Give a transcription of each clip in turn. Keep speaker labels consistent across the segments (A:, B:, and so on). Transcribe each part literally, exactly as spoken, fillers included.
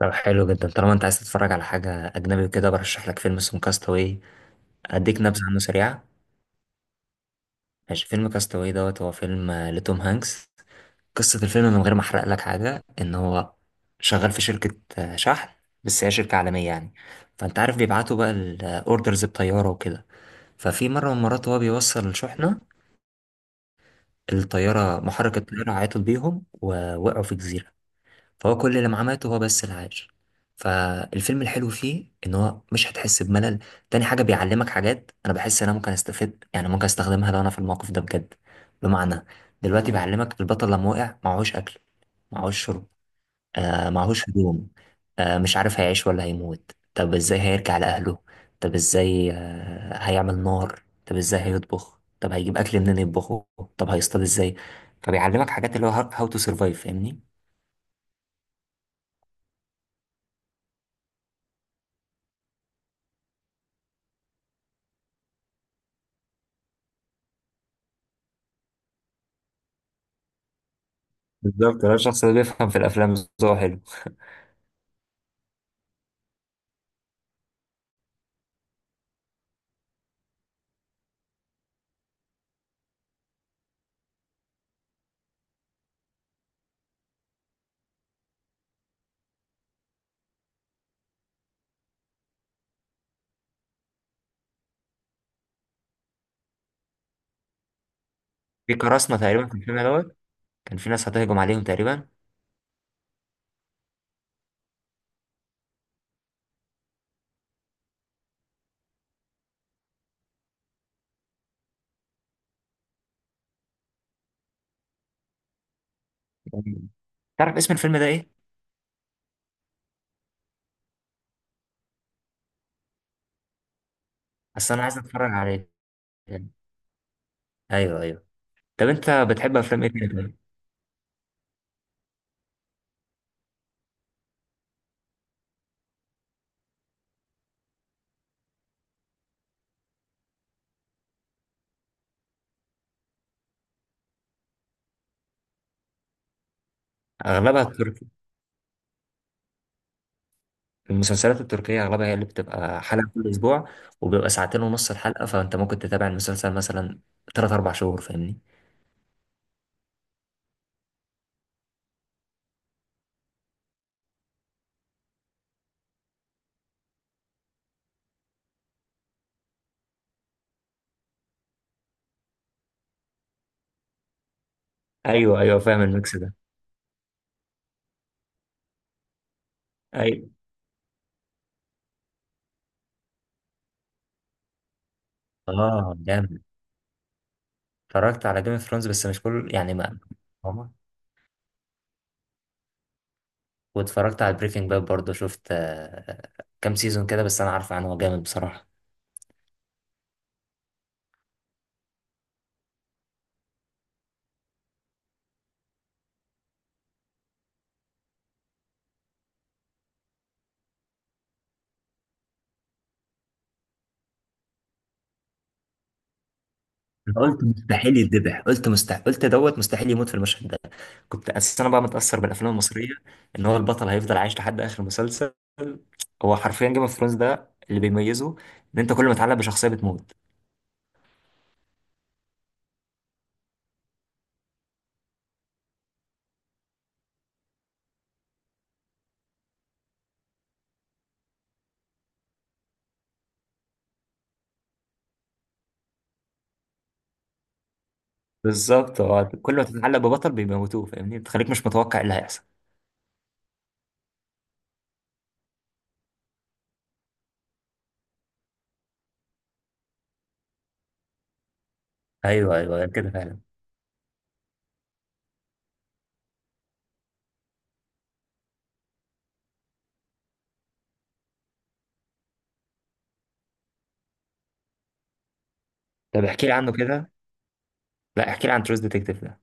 A: طب حلو جدا طالما انت عايز تتفرج على حاجة أجنبي وكده، برشح لك فيلم اسمه كاستاوي. أديك نبذة عنه سريعة. ماشي، فيلم كاستاوي دوت هو فيلم آه، لتوم هانكس. قصة الفيلم من غير ما أحرق لك حاجة، إن هو شغال في شركة آه، شحن، بس هي شركة عالمية يعني. فأنت عارف بيبعتوا بقى الأوردرز بطيارة وكده. ففي مرة من المرات وهو بيوصل الشحنة، الطيارة محرك الطيارة عيطت بيهم ووقعوا في جزيرة. فهو كل اللي معاه مات وهو بس اللي عايش. فالفيلم الحلو فيه ان هو مش هتحس بملل. تاني حاجة بيعلمك حاجات انا بحس ان انا ممكن استفيد، يعني ممكن استخدمها لو انا في الموقف ده بجد. بمعنى دلوقتي بيعلمك البطل لما وقع معهوش اكل، معهوش شرب، آه معهوش هدوم، آه مش عارف هيعيش ولا هيموت، طب ازاي هيرجع لأهله، طب ازاي آه هيعمل نار، طب ازاي هيطبخ، طب هيجيب اكل منين يطبخه، طب هيصطاد ازاي. فبيعلمك حاجات اللي هو هاو تو سرفايف فاهمني. بالظبط، ده الشخص اللي بيفهم في الافلام. ذوقه حلو. في قراصنه تقريبا في الفيلم دوت، كان في ناس هتهجم عليهم تقريبا. تعرف اسم الفيلم ده ايه؟ اصل انا عايز اتفرج عليه. ايوه ايوه. طب انت بتحب افلام ايه تاني طيب؟ اغلبها التركي. المسلسلات التركيه اغلبها هي اللي بتبقى حلقه كل اسبوع، وبيبقى ساعتين ونص الحلقه، فانت ممكن تتابع المسلسل مثلا ثلاث اربع شهور فاهمني. ايوه ايوه فاهم الميكس ده. ايوه. اه جامد. اتفرجت على جيم اوف ثرونز بس مش كل يعني ما. واتفرجت على بريكنج باد برضه، شفت آه، كام سيزون كده، بس انا عارف عنه هو جامد بصراحة. انا قلت مستحيل يتذبح، قلت مستحيل، قلت دوت مستحيل يموت في المشهد ده. كنت اساسا انا بقى متأثر بالافلام المصرية، ان هو البطل هيفضل عايش لحد اخر مسلسل. هو حرفيا جيم اوف ثرونز ده اللي بيميزه ان انت كل ما تتعلق بشخصية بتموت. بالظبط، هو كل ما تتعلق ببطل بيموتوه فاهمني، بتخليك مش متوقع ايه اللي هيحصل. ايوه ايوه كده فعلا. طب احكي لي عنه كده. لا احكي لي عن تروز ديتكتيف ده.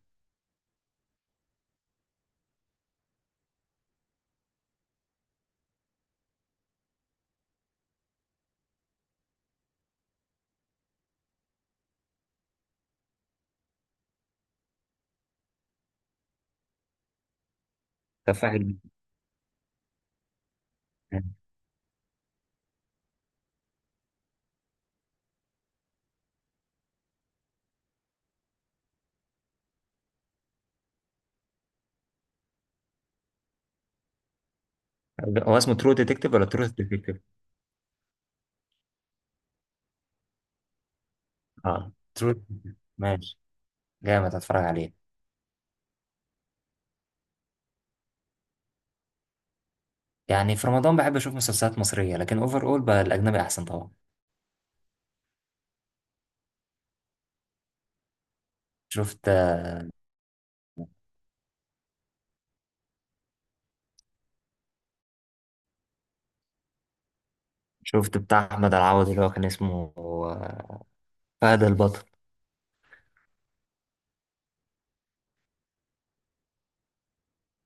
A: تفاحة جدا. هو اسمه ترو ديتكتيف ولا ترو ديتكتيف؟ اه ترو. ماشي، جامد هتفرج عليه. يعني في رمضان بحب اشوف مسلسلات مصرية، لكن اوفر اول بقى الاجنبي احسن طبعا. شفت، شفت بتاع احمد العوض اللي هو كان اسمه آه، فهد البطل.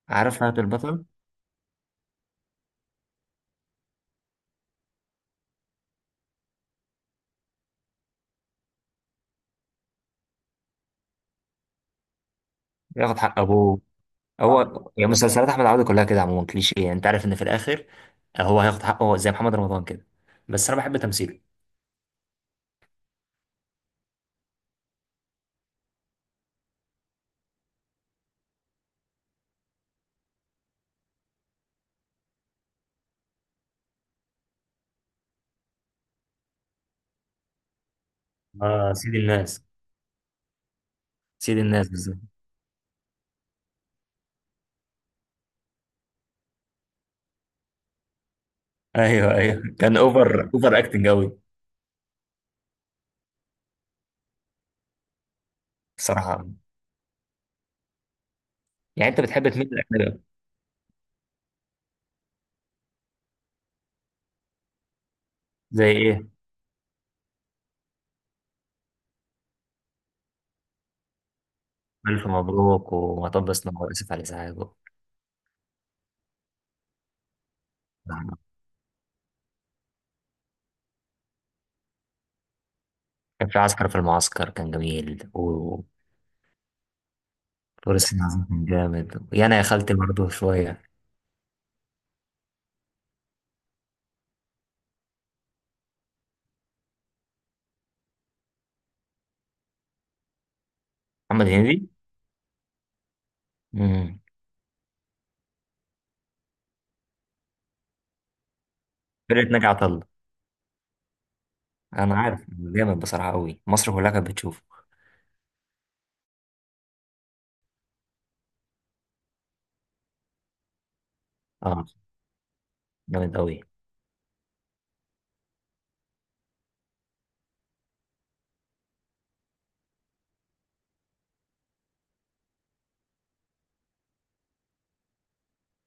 A: عارف فهد البطل. ياخد حق ابوه. هو يعني مسلسلات احمد العوض كلها كده عموما كليشيه، يعني انت عارف ان في الاخر هو هياخد حقه زي محمد رمضان كده، بس انا بحب تمثيله. اه سيد الناس. سيد الناس بالظبط. ايوه ايوه، كان اوفر اوفر اكتنج قوي بصراحه يعني. انت بتحب تميل للاجنبي أكتر؟ زي ايه؟ ألف مبروك ومطب صناعي وآسف على الإزعاج. كان في عسكر في المعسكر، كان جميل وفارس. العظيم كان جامد يعني يا خالتي برضه شوية. محمد هنيدي. امم. فرقة ناجي عطا الله. أنا عارف، جامد بصراحة أوي، مصر كلها كانت بتشوفه. أه، جامد أوي.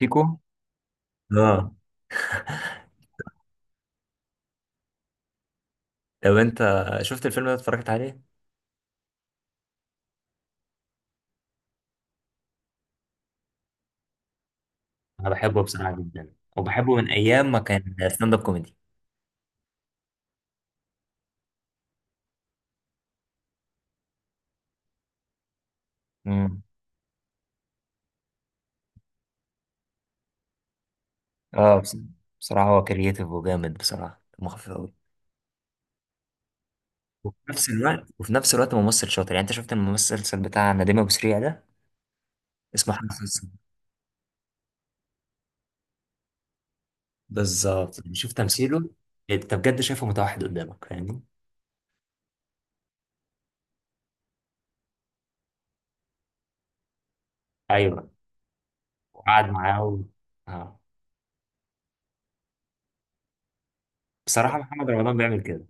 A: فيكو. أه. لو أنت شفت الفيلم ده، اتفرجت عليه؟ أنا بحبه بصراحة جدا، وبحبه من أيام ما كان ستاند أب كوميدي. امم. أه بس-. بصراحة هو كرييتيف وجامد، بصراحة مخفف أوي. وفي نفس الوقت، وفي نفس الوقت ممثل شاطر. يعني انت شفت الممثل بتاع نديم ابو سريع ده؟ اسمه حمزة حسن سلسلة. بالظبط، يعني شوف تمثيله. انت بجد شايفه متوحد قدامك فاهمني. ايوه. وقعد معاه و... اه. بصراحه محمد رمضان بيعمل كده.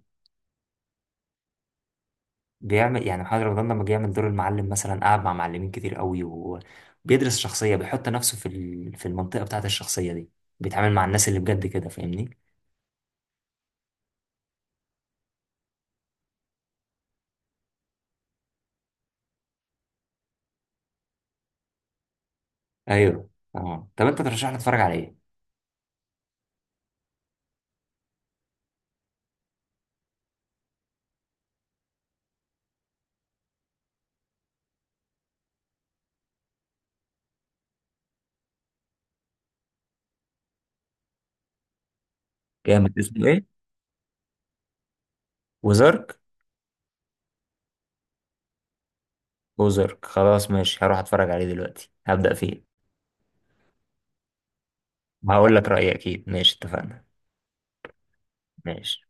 A: بيعمل يعني محمد رمضان لما جه يعمل دور المعلم مثلا، قعد مع معلمين كتير قوي، وبيدرس شخصيه، بيحط نفسه في ال... في المنطقه بتاعت الشخصيه دي، بيتعامل مع الناس اللي بجد كده فاهمني. ايوه. اه طب انت ترشح لي اتفرج على ايه؟ جامد، اسمه ايه؟ وزارك. اوزارك خلاص ماشي، هروح اتفرج عليه دلوقتي، هبدأ فيه. وهقول لك رأيي اكيد. ماشي، اتفقنا. ماشي.